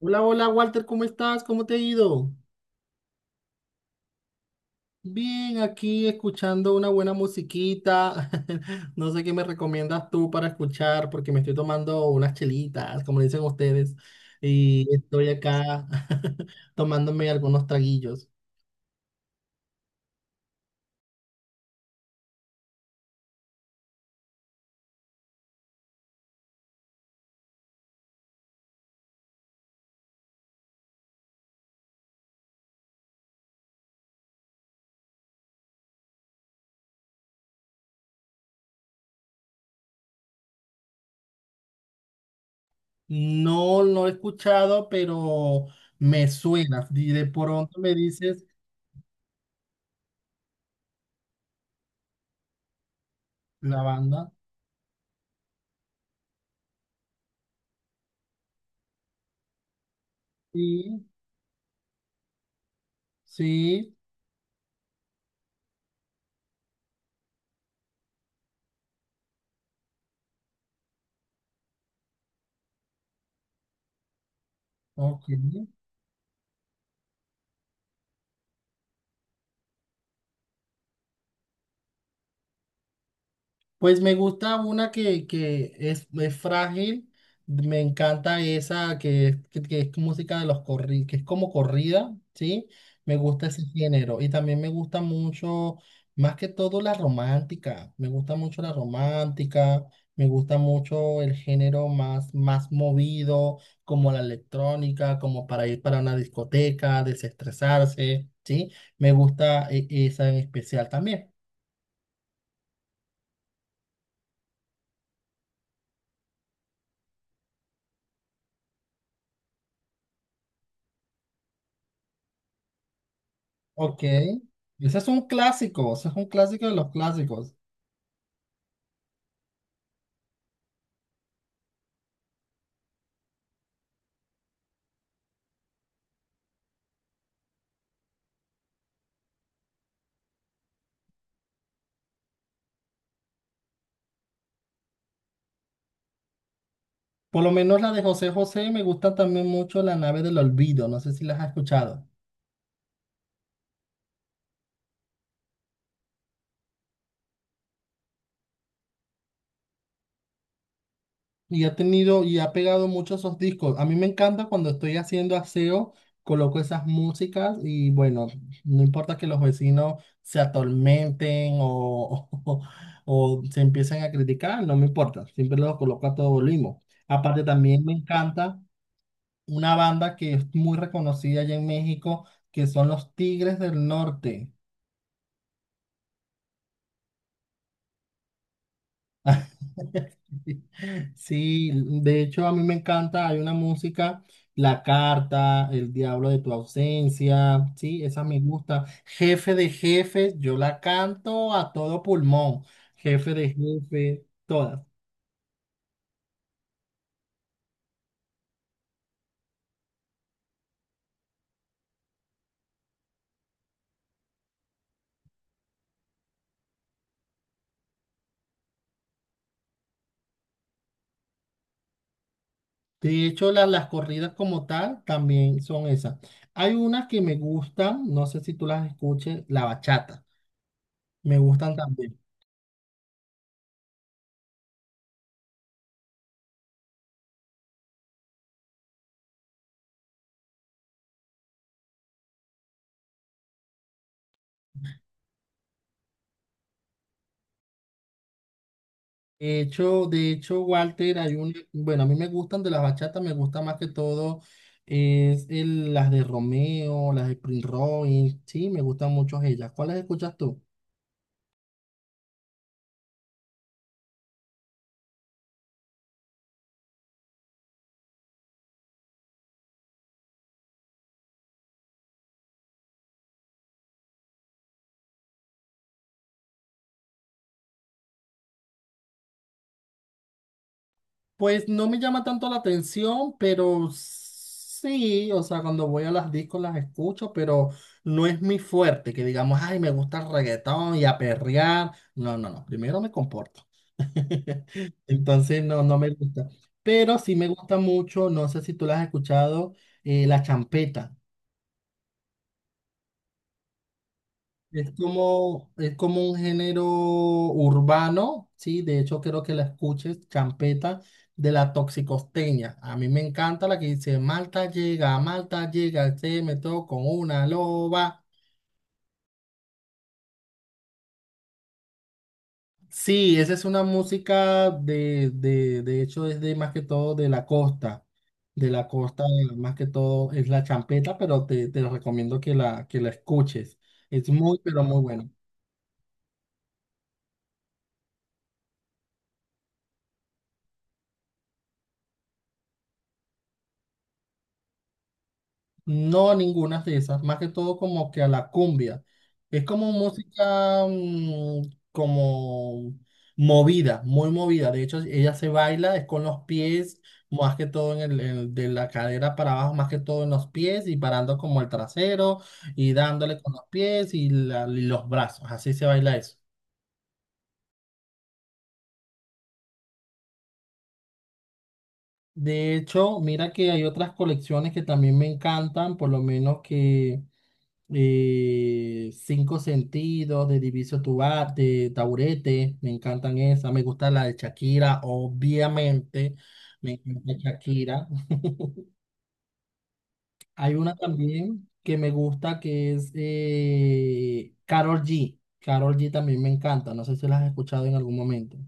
Hola, hola Walter, ¿cómo estás? ¿Cómo te ha ido? Bien, aquí escuchando una buena musiquita. No sé qué me recomiendas tú para escuchar, porque me estoy tomando unas chelitas, como le dicen ustedes, y estoy acá tomándome algunos traguillos. No he escuchado, pero me suena. Y de pronto me dices la banda. Sí, sí, ok. Pues me gusta una que es frágil, me encanta esa que es música de los corridos, que es como corrida, ¿sí? Me gusta ese género y también me gusta mucho, más que todo la romántica, me gusta mucho la romántica, me gusta mucho el género más, más movido, como la electrónica, como para ir para una discoteca, desestresarse, ¿sí? Me gusta esa en especial también. Ok, ese es un clásico, ese es un clásico de los clásicos. Por lo menos la de José José me gusta también mucho La nave del olvido, no sé si las has escuchado. Y ha tenido y ha pegado mucho esos discos. A mí me encanta cuando estoy haciendo aseo, coloco esas músicas y bueno, no importa que los vecinos se atormenten o, o se empiecen a criticar, no me importa, siempre los coloco a todo volumen. Aparte también me encanta una banda que es muy reconocida allá en México, que son los Tigres del Norte. Sí, de hecho a mí me encanta, hay una música, La Carta, El Diablo de tu ausencia, sí, esa me gusta. Jefe de jefes, yo la canto a todo pulmón, jefe de Jefes todas. De hecho, las corridas como tal también son esas. Hay unas que me gustan, no sé si tú las escuches, la bachata, me gustan también. De hecho, Walter, hay un, bueno, a mí me gustan de las bachatas, me gusta más que todo las de Romeo, las de Prince Royce, sí, me gustan mucho ellas. ¿Cuáles escuchas tú? Pues no me llama tanto la atención, pero sí, o sea, cuando voy a las discos las escucho, pero no es mi fuerte, que digamos, ay, me gusta el reggaetón y a perrear. No, no, no, primero me comporto. Entonces no, no me gusta. Pero sí me gusta mucho, no sé si tú la has escuchado, la champeta. Es como un género urbano, sí, de hecho creo que la escuches, champeta de la toxicosteña. A mí me encanta la que dice, Malta llega, se me con una loba. Sí, esa es una música de hecho es de más que todo de la costa más que todo es la champeta, pero te recomiendo que la escuches. Es muy, pero muy buena. No, ninguna de esas, más que todo como que a la cumbia. Es como música como movida, muy movida. De hecho, ella se baila, es con los pies, más que todo de la cadera para abajo, más que todo en los pies y parando como el trasero y dándole con los pies y los brazos. Así se baila eso. De hecho, mira que hay otras colecciones que también me encantan, por lo menos que... Cinco Sentidos, de de Taburete, me encantan esas, me gusta la de Shakira, obviamente, me encanta Shakira. Hay una también que me gusta que es Karol G. Karol G también me encanta, no sé si las has escuchado en algún momento.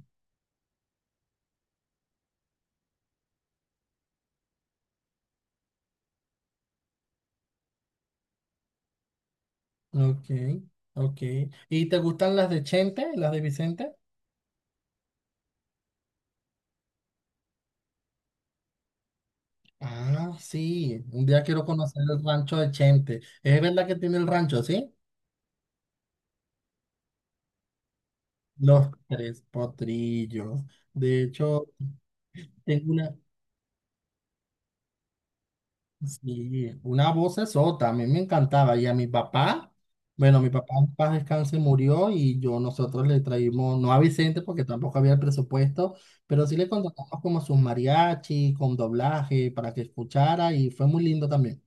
Ok, ok. ¿Y te gustan las de Chente, las de Vicente? Ah, sí, un día quiero conocer el rancho de Chente. ¿Es verdad que tiene el rancho, sí? Los tres potrillos. De hecho, tengo una, sí, una voz sota, a mí me encantaba. Y a mi papá, bueno, mi papá en paz descanse murió y yo nosotros le traímos, no a Vicente porque tampoco había el presupuesto, pero sí le contratamos como sus mariachi, con doblaje para que escuchara y fue muy lindo también.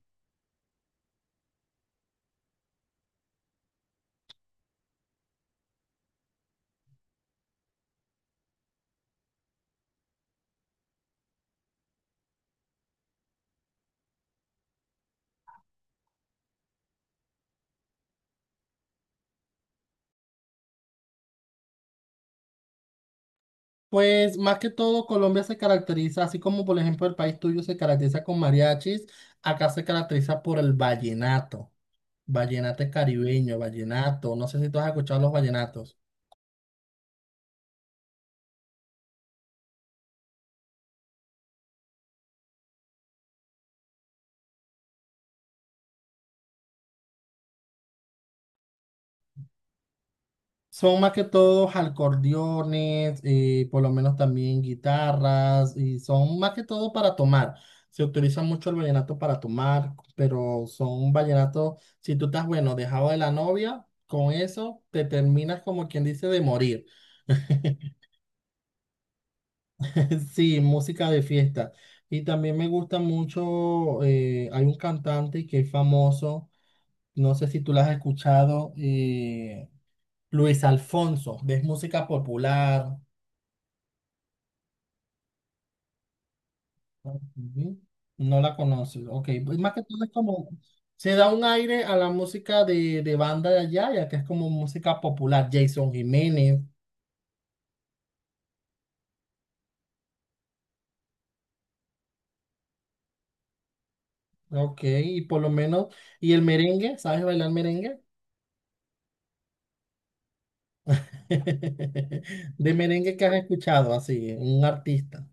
Pues más que todo, Colombia se caracteriza, así como por ejemplo el país tuyo se caracteriza con mariachis, acá se caracteriza por el vallenato. Vallenato caribeño, vallenato. No sé si tú has escuchado los vallenatos. Son más que todos acordeones, por lo menos también guitarras, y son más que todo para tomar. Se utiliza mucho el vallenato para tomar, pero son vallenatos, si tú estás, bueno, dejado de la novia, con eso te terminas como quien dice de morir. Sí, música de fiesta. Y también me gusta mucho, hay un cantante que es famoso, no sé si tú lo has escuchado, Luis Alfonso, de es música popular. Ujú. No la conoces, ok. Pues más que todo es como, se da un aire a la música de banda de allá, ya que es como música popular. Jason Jiménez, ok, y por lo menos, ¿y el merengue? ¿Sabes bailar merengue? De merengue que has escuchado, así, un artista.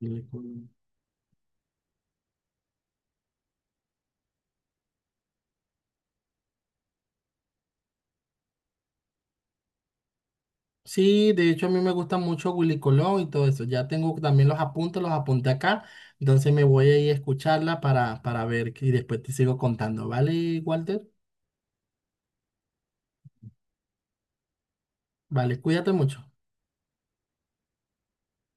Willy Colón. Sí, de hecho a mí me gusta mucho Willy Colón y todo eso. Ya tengo también los apuntes, los apunté acá. Entonces me voy a ir a escucharla para ver y después te sigo contando. ¿Vale, Walter? Vale, cuídate mucho.